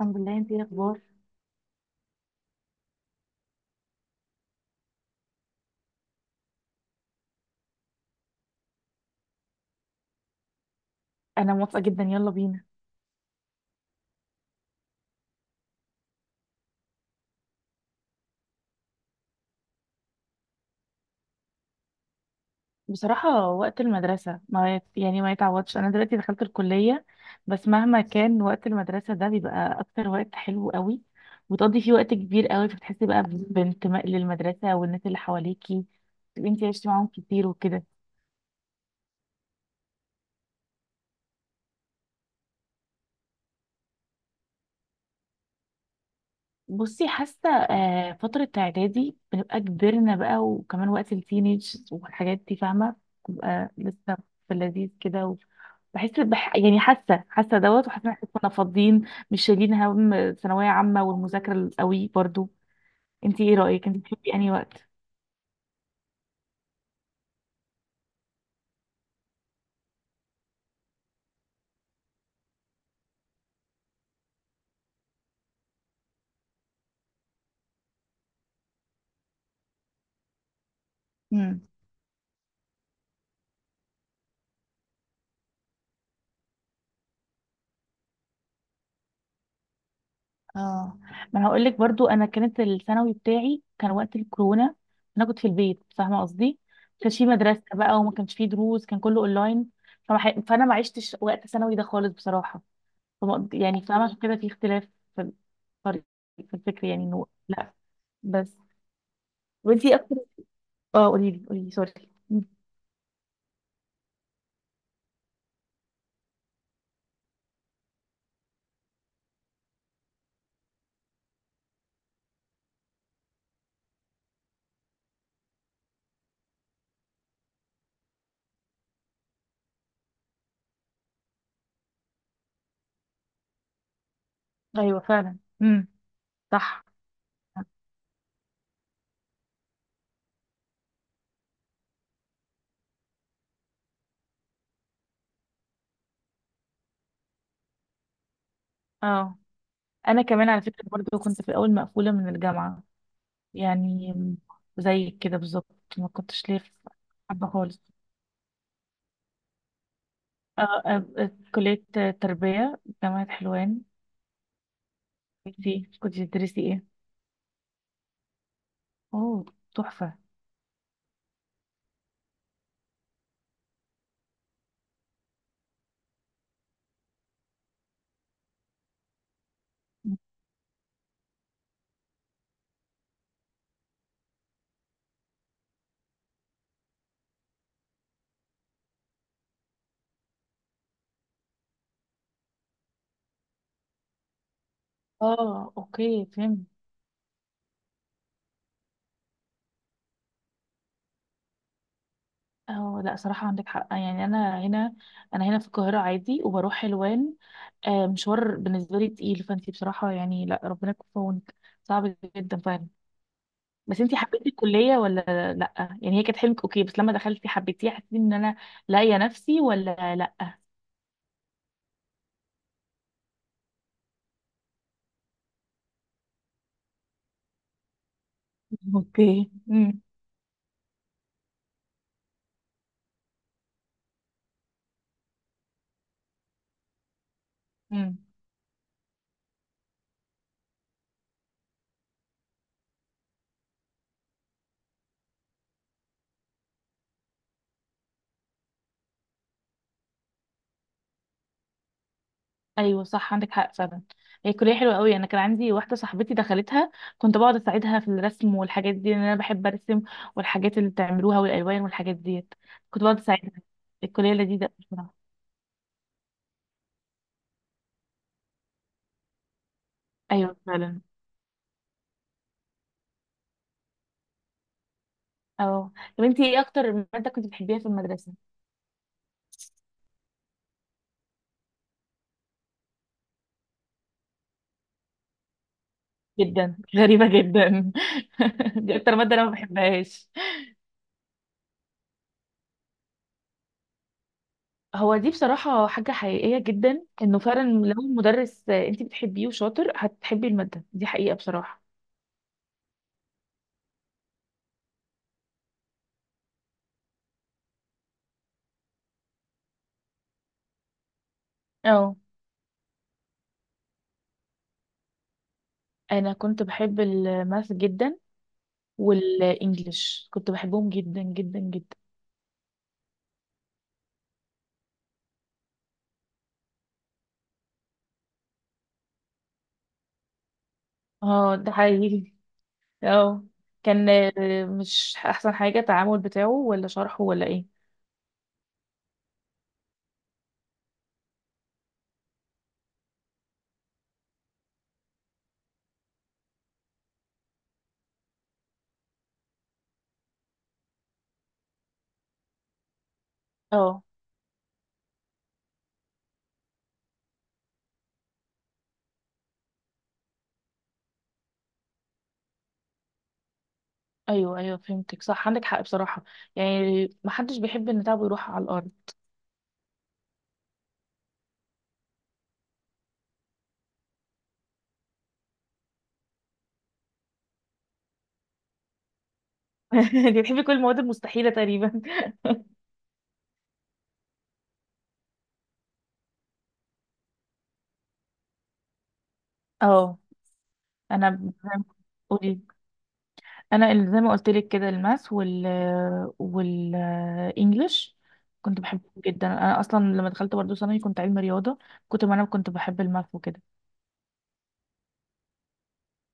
الحمد لله، انتي ايه الاخبار؟ انا موافقه جدا، يلا بينا. بصراحه وقت المدرسه ما يت- يعني ما يتعوضش. انا دلوقتي دخلت الكليه، بس مهما كان وقت المدرسه ده بيبقى اكتر وقت حلو قوي، وتقضي فيه وقت كبير قوي، فبتحسي بقى بانتماء للمدرسه والناس اللي حواليكي، تبقي انتي عشتي معاهم كتير وكده. بصي حاسه فتره اعدادي بنبقى كبرنا بقى، وكمان وقت التينيج والحاجات دي، فاهمه. بنبقى لسه في اللذيذ كده. يعني حاسه حاسه دوت، وحاسه ان احنا كنا فاضيين، مش شايلين هم ثانويه عامه والمذاكره القوي برضو. انتي ايه رايك؟ انتي بتحبي انهي وقت؟ اه، ما انا هقول لك برضو، انا كانت الثانوي بتاعي كان وقت الكورونا، انا كنت في البيت، فاهمه قصدي. ما كانش في مدرسه بقى، وما كانش في دروس، كان كله اونلاين. فانا ما عشتش وقت ثانوي ده خالص بصراحه. يعني فاهمه، عشان كده في اختلاف في الطريق، في الفكر، يعني انه لا بس. وانتي اكتر. اه، قولي لي قولي لي، سوري. مم. ايوه فعلا. صح. اه، انا كمان على فكره برضو، كنت في الاول مقفوله من الجامعه، يعني زي كده بالظبط، ما كنتش ليه حابة خالص. كلية تربية جامعة حلوان. انتي كنت تدرسي ايه؟ اوه، تحفة. اه، اوكي، فهمت. اه، لا صراحة عندك حق، يعني انا هنا، انا هنا في القاهرة عادي، وبروح حلوان. مشوار بالنسبة لي تقيل، فانتي بصراحة، يعني لا، ربنا يكون في عونك. صعب جدا فعلا. بس انتي حبيتي الكلية ولا؟ لأ يعني، هي كانت حلمك اوكي، بس لما دخلتي حبيتيها، حسيتي ان انا لاقية نفسي ولا لأ؟ اوكي. امم. ايوه صح، عندك حق فعلا. هي كلية حلوة قوي، انا كان عندي واحدة صاحبتي دخلتها، كنت بقعد اساعدها في الرسم والحاجات دي، لان انا بحب ارسم، والحاجات اللي بتعملوها والالوان والحاجات ديت. كنت بقعد اساعدها. الكلية لذيذة أوي بصراحة. ايوه فعلا. اه، طب انتي ايه اكتر مادة كنت بتحبيها في المدرسة؟ جدا غريبة جدا. دي اكتر مادة انا ما بحبهاش. هو دي بصراحة حاجة حقيقية جدا، انه فعلا لو المدرس انت بتحبيه وشاطر هتحبي المادة دي، حقيقة بصراحة. اه، انا كنت بحب الماث جدا، والانجليش كنت بحبهم جدا جدا جدا. اه، ده حقيقي. اه، كان مش احسن حاجة، التعامل بتاعه ولا شرحه ولا ايه؟ اه، ايوه ايوه، فهمتك، صح عندك حق بصراحة، يعني محدش بيحب ان تعبه يروح على الارض. انت بتحبي كل المواد المستحيلة تقريبا. اه، انا ب- قولي. انا، اللي زي ما قلت لك كده، الماس والانجليش كنت بحبهم جدا. انا اصلا لما دخلت برضه ثانوي، كنت علمي رياضه، ما انا كنت بحب الماث وكده.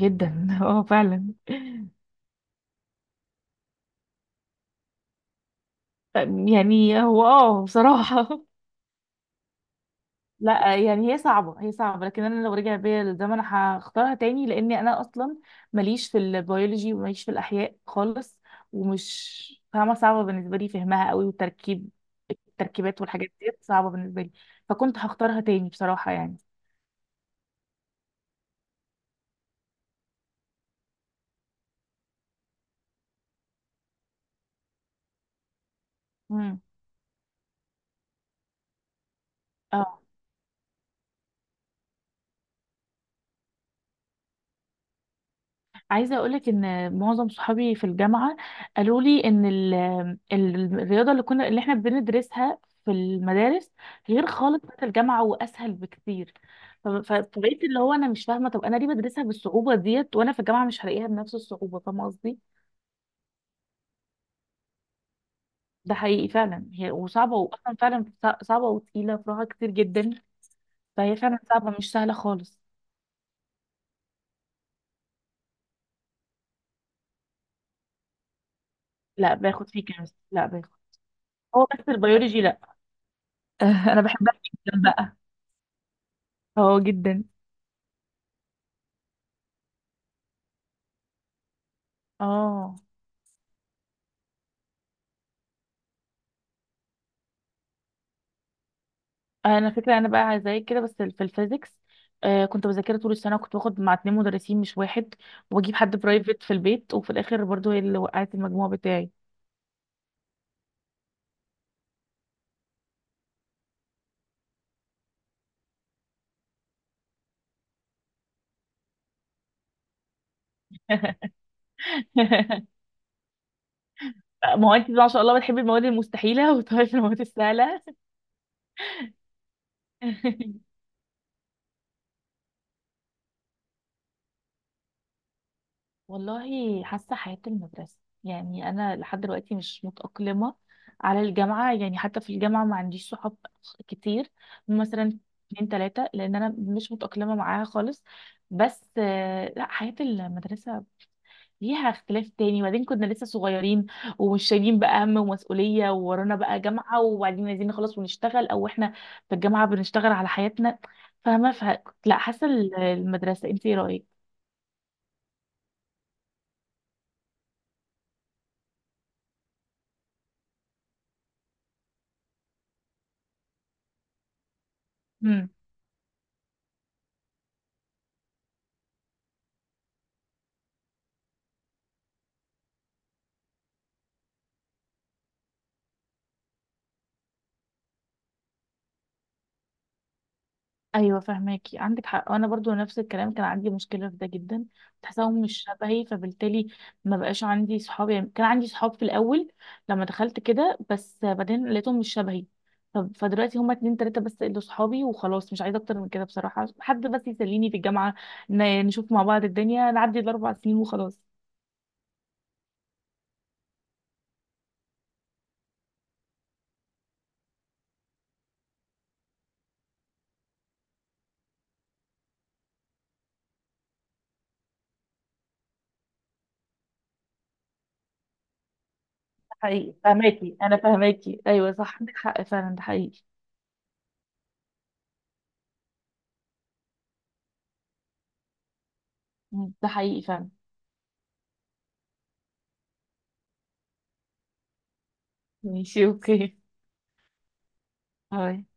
جدا. اه فعلا. يعني هو، اه بصراحه، لا، يعني هي صعبة، هي صعبة لكن أنا لو رجع بيا للزمن هختارها تاني، لأني أنا أصلا ماليش في البيولوجي، وماليش في الأحياء خالص، ومش فاهمة، صعبة بالنسبة لي فهمها قوي، والتركيب التركيبات والحاجات دي صعبة بالنسبة لي. فكنت هختارها تاني بصراحة يعني. امم. اه، عايزة أقولك إن معظم صحابي في الجامعة قالوا لي إن الرياضة اللي إحنا بندرسها في المدارس، غير خالص بتاعت الجامعة وأسهل بكتير. فبقيت اللي هو، أنا مش فاهمة طب أنا ليه بدرسها بالصعوبة ديت وأنا في الجامعة مش هلاقيها بنفس الصعوبة، فاهمة قصدي؟ ده حقيقي فعلا، هي وصعبة، وأصلا فعلا صعبة وتقيلة، فروعها كتير جدا. فهي فعلا صعبة، مش سهلة خالص. لا، باخد فيه كيمستري، لا باخد. هو بس البيولوجي لا. أنا بحبها جدا بقى. اه، جدا. اه، انا فكره، انا بقى زي كده بس في الفيزيكس، كنت بذاكرها طول السنه، وكنت باخد مع اتنين مدرسين مش واحد، وبجيب حد برايفت في البيت، وفي الاخر برضو هي اللي وقعت المجموع بتاعي. ما هو انت ما شاء الله بتحبي المواد المستحيله، وتعرفي المواد السهله. والله حاسة حياة المدرسة، يعني أنا لحد دلوقتي مش متأقلمة على الجامعة، يعني حتى في الجامعة ما عنديش صحاب كتير، مثلا اتنين تلاتة، لأن أنا مش متأقلمة معاها خالص. بس لا، حياة المدرسة ليها اختلاف تاني، وبعدين كنا لسه صغيرين، ومش شايلين بقى هم ومسؤولية، وورانا بقى جامعة، وبعدين عايزين نخلص ونشتغل، أو إحنا في الجامعة بنشتغل على حياتنا، فاهمة، لا، حاسة المدرسة. انتي إيه رأيك؟ ايوه فهماكي، عندك حق، وانا برضو نفس الكلام، كان عندي مشكله في ده جدا، تحسهم مش شبهي، فبالتالي ما بقاش عندي صحاب، يعني كان عندي صحاب في الاول لما دخلت كده، بس بعدين لقيتهم مش شبهي. فدلوقتي هما اتنين تلاته بس اللي صحابي، وخلاص مش عايزه اكتر من كده بصراحه، حد بس يسليني في الجامعه، نشوف مع بعض الدنيا، نعدي الاربع سنين وخلاص. ده حقيقي، فهماكي انا، فهماكي، ايوه صح، عندك حق فعلا، ده حقيقي. ده حقيقي فعلا. ماشي، اوكي. باي.